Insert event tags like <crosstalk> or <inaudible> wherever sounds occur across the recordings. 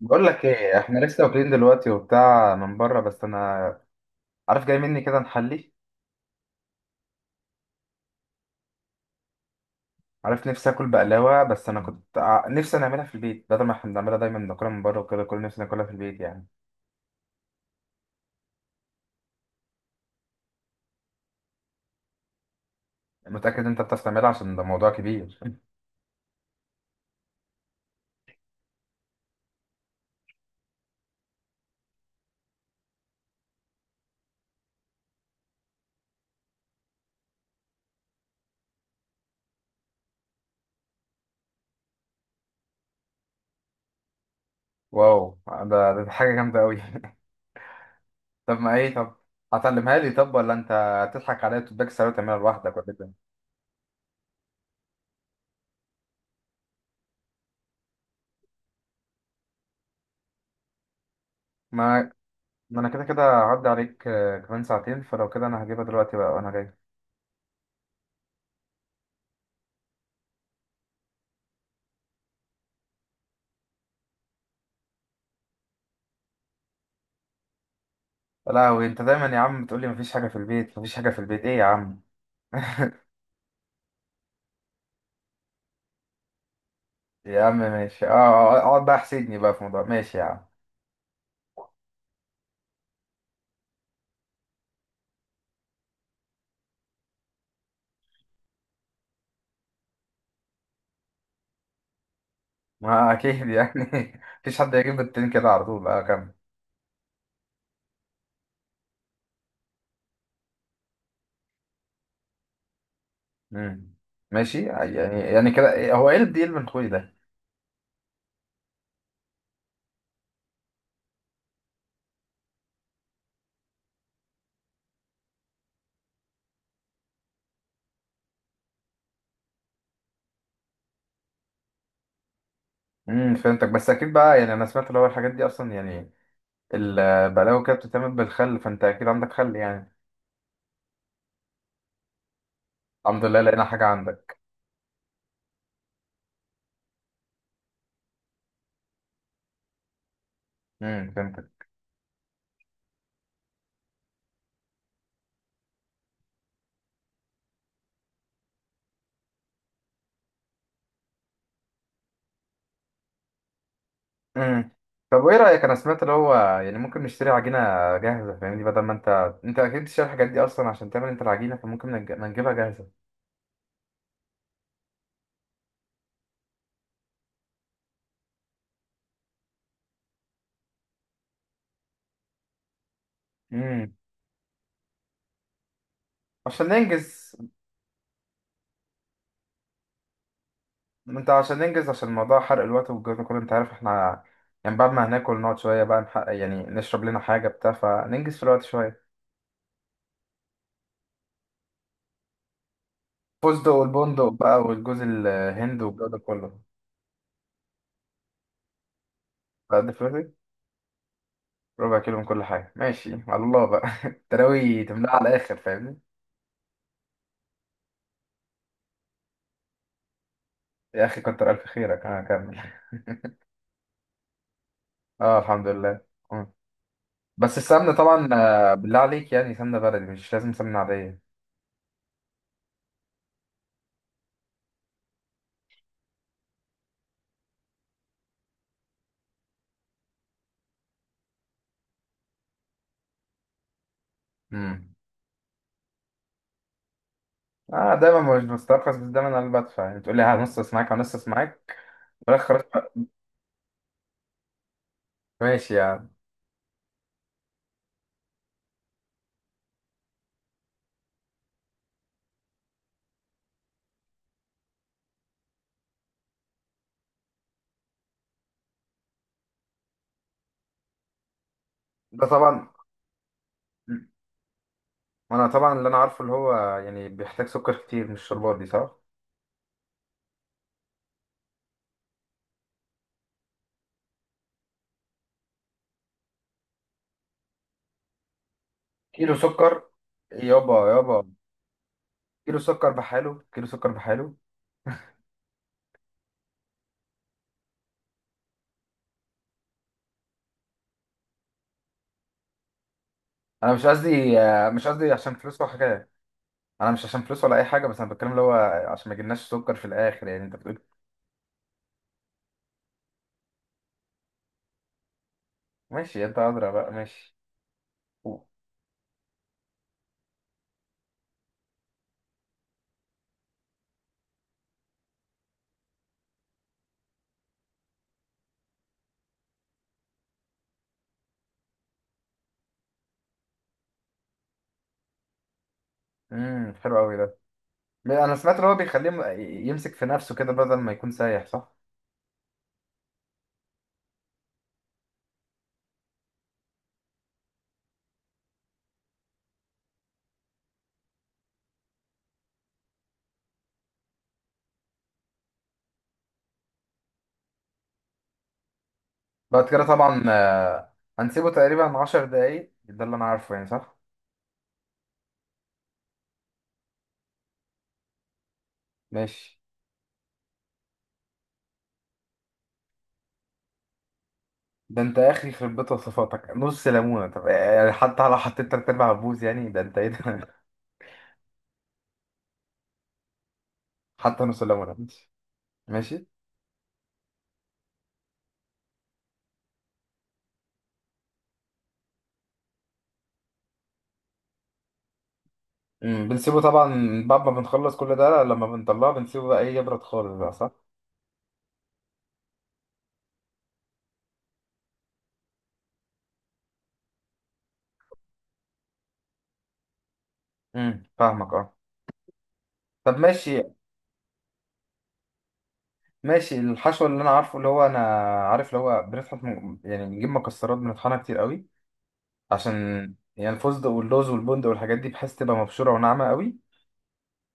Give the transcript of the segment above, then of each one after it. بقول لك ايه؟ احنا لسه واكلين دلوقتي وبتاع من بره، بس انا عارف جاي مني كده نحلي. عارف نفسي اكل بقلاوه، بس انا كنت نفسي نعملها في البيت، بدل ما احنا بنعملها دايما ناكلها من بره وكده. كل نفسي ناكلها في البيت يعني. متاكد انت بتعرف تعملها؟ عشان ده موضوع كبير. <laughs> واو، ده حاجه جامده قوي. <laughs> طب ما ايه؟ طب هتعلمها لي؟ طب ولا انت هتضحك عليا وتباك ساعه وتعملها لوحدك ولا إيه؟ ما ما انا كده كده هعدي عليك كمان ساعتين. فلو كده انا هجيبها دلوقتي بقى وانا جاي. لا، وانت دايما يا عم تقول لي مفيش حاجه في البيت، مفيش حاجه في البيت، ايه يا عم؟ <laughs> يا عم ماشي، اه، اقعد بقى احسدني بقى في موضوع، ماشي يا عم. ما اكيد يعني. <laughs> مفيش حد يجيب التين كده على طول، اه كمل. مم. ماشي يعني. يعني كده هو ايه الديل من اخوي ده؟ فهمتك. بس اكيد بقى يعني انا سمعت اللي هو الحاجات دي اصلا، يعني البلاوي كده بتتعمل بالخل، فانت اكيد عندك خل يعني. الحمد لله لقينا حاجه عندك. فهمت. امم طب وايه رايك؟ انا سمعت اللي هو، يعني ممكن نشتري عجينه جاهزه فاهمني، بدل ما انت، انت اكيد بتشتري الحاجات دي اصلا عشان تعمل انت العجينه، فممكن ما نجيبها جاهزه. امم عشان ننجز. انت عشان ننجز، عشان موضوع حرق الوقت والجو ده كله، انت عارف احنا يعني بعد ما هناكل نقعد شويه بقى نحقق، يعني نشرب لنا حاجه بتاع فننجز في الوقت شويه. فستق والبندق بقى والجوز الهند والجو ده كله. فقد فلوسي. ربع كيلو من كل حاجه، ماشي على الله بقى. <laughs> تراوي تملاها على الاخر فاهمني. يا اخي كتر الف خيرك، انا كمل. اه الحمد لله. مم. بس السمنة طبعا بالله عليك، يعني سمنة بلدي، مش لازم سمنة عادية. امم. اه، دايما مش بسترخص، بس دايما انا اللي بدفع، يعني تقول لي هنص معاك هنص معاك، في الاخر خلاص بقى. ماشي يعني. ده طبعا. مم. انا طبعا اللي انا عارفه اللي هو يعني بيحتاج سكر كتير، مش الشربات دي؟ صح. كيلو سكر؟ يابا يابا. كيلو سكر بحاله؟ كيلو سكر بحاله؟ انا مش قصدي مش قصدي عشان فلوس ولا حاجة. انا مش عشان فلوس ولا اي حاجة، بس انا بتكلم اللي هو عشان ما يجيلناش سكر في الاخر، يعني انت بتقول. ماشي، يد عذرا بقى، ماشي. حلو قوي ده. لا، انا سمعت ان هو بيخليه يمسك في نفسه كده بدل ما يكون سايح، صح. بعد كده طبعا هنسيبه تقريبا 10 دقايق، ده اللي انا عارفه يعني، صح. ماشي. ده انت يا اخي يخرب بيت وصفاتك، نص ليمونه؟ طب يعني حتى لو حطيت تلات ارباع بوز يعني، ده انت ايه ده؟ <laughs> حتى نص ليمونه، ماشي. ماشي. بنسيبه طبعا بعد ما بنخلص كل ده، لما بنطلعه بنسيبه بقى ايه يبرد خالص بقى، صح. فاهمك اه. طب ماشي. ماشي، الحشو اللي انا عارفه اللي هو، انا عارف اللي هو بنطحن، يعني بنجيب مكسرات بنطحنها كتير قوي، عشان يعني الفستق واللوز والبندق والحاجات دي، بحيث تبقى مبشوره وناعمه قوي.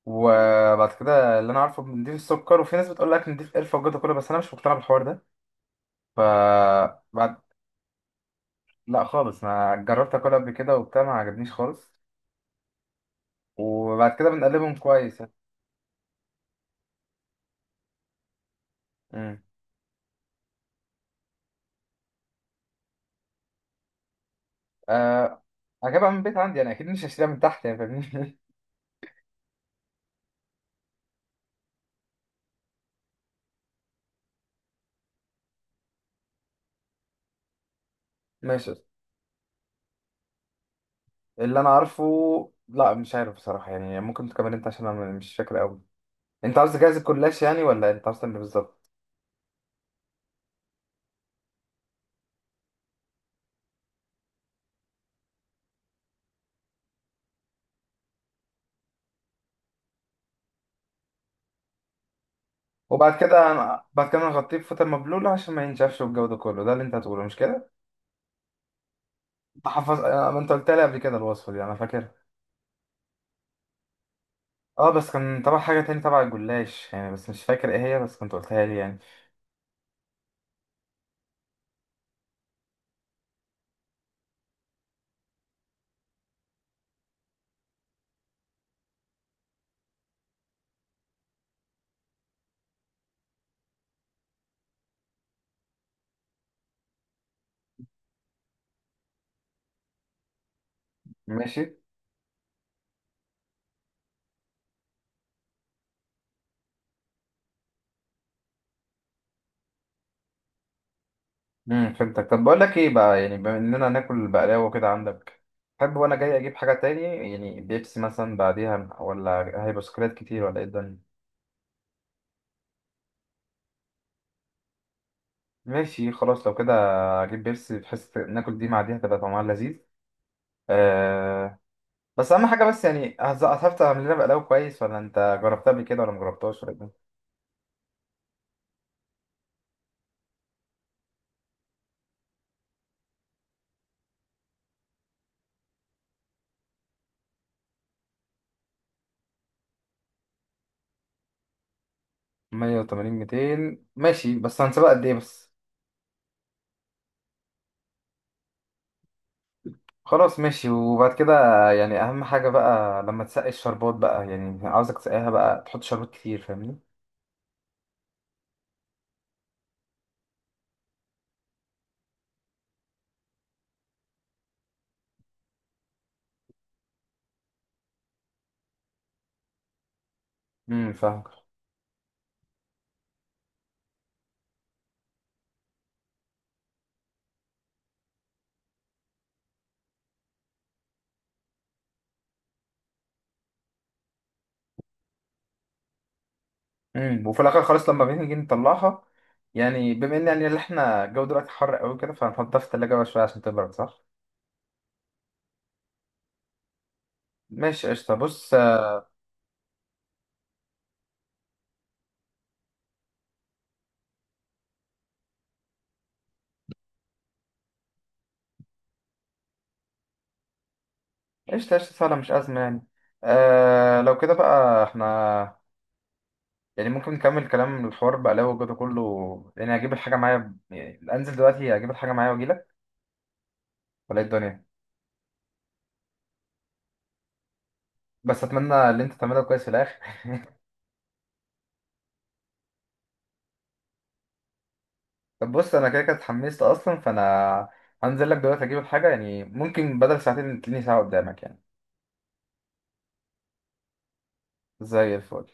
وبعد كده اللي انا عارفه بنضيف السكر، وفي ناس بتقول لك نضيف قرفه وجوده كله، بس انا مش مقتنع بالحوار ده. ف بعد لا خالص، ما جربت اكلها قبل كده وبتاع، ما عجبنيش خالص. وبعد كده بنقلبهم كويس. امم أه... هجيبها من البيت عندي، انا اكيد مش هشتريها من تحت يعني فاهمني. <laughs> ماشي. اللي انا عارفه، لا مش عارف بصراحه يعني، ممكن تكمل انت عشان انا مش فاكر قوي. انت عاوز تجهز الكلاش يعني، ولا انت عاوز تعمل إيه بالظبط؟ وبعد كده بعد كده نغطيه بفوطه مبلوله عشان ما ينشفش، والجو ده كله، ده اللي انت هتقوله، مش كده؟ انت حافظ، ما انت قلت لي قبل كده الوصفه دي، انا فاكر. اه، بس كان طبعا حاجه تاني تبع الجلاش يعني، بس مش فاكر ايه هي، بس كنت قلتها لي يعني. ماشي. فهمتك. طب بقول لك ايه بقى، يعني بما اننا ناكل بقلاوه كده عندك، تحب وانا جاي اجيب حاجه تاني؟ يعني بيبسي مثلا بعديها، ولا هيبقى سكريات كتير، ولا ايه الدنيا؟ ماشي خلاص لو كده، اجيب بيبسي بحيث ناكل دي مع دي، هتبقى طعمها لذيذ. أه. بس اهم حاجه بس يعني، هتعرف تعمل لنا بقلاوه كويس، ولا انت جربتها قبل كده ولا مجربتهاش، ولا ايه؟ 180 200 ماشي، بس هنسيبها قد ايه بس؟ خلاص ماشي. وبعد كده يعني اهم حاجه بقى لما تسقي الشربات بقى، يعني عاوزك تسقيها بقى تحط شربات كتير فاهمني. فاهم. وفي الاخر خلاص لما بنيجي نطلعها، يعني بما ان يعني اللي احنا الجو دلوقتي حر قوي كده، فهنحطها في التلاجة بقى شويه عشان تبرد، صح. ماشي قشطة، بص قشطة قشطة، سهلة مش أزمة يعني. لو كده بقى احنا يعني ممكن نكمل كلام الحوار بقى لو وجوده كله، يعني أجيب الحاجة معايا، يعني أنزل دلوقتي أجيب الحاجة معايا وأجيلك، ولا إيه الدنيا؟ بس أتمنى اللي أنت تعمله كويس في الآخر. <laughs> طب بص، أنا كده كده اتحمست أصلا، فأنا هنزل لك دلوقتي أجيب الحاجة، يعني ممكن بدل ساعتين تلاقيني ساعة قدامك يعني. زي الفل.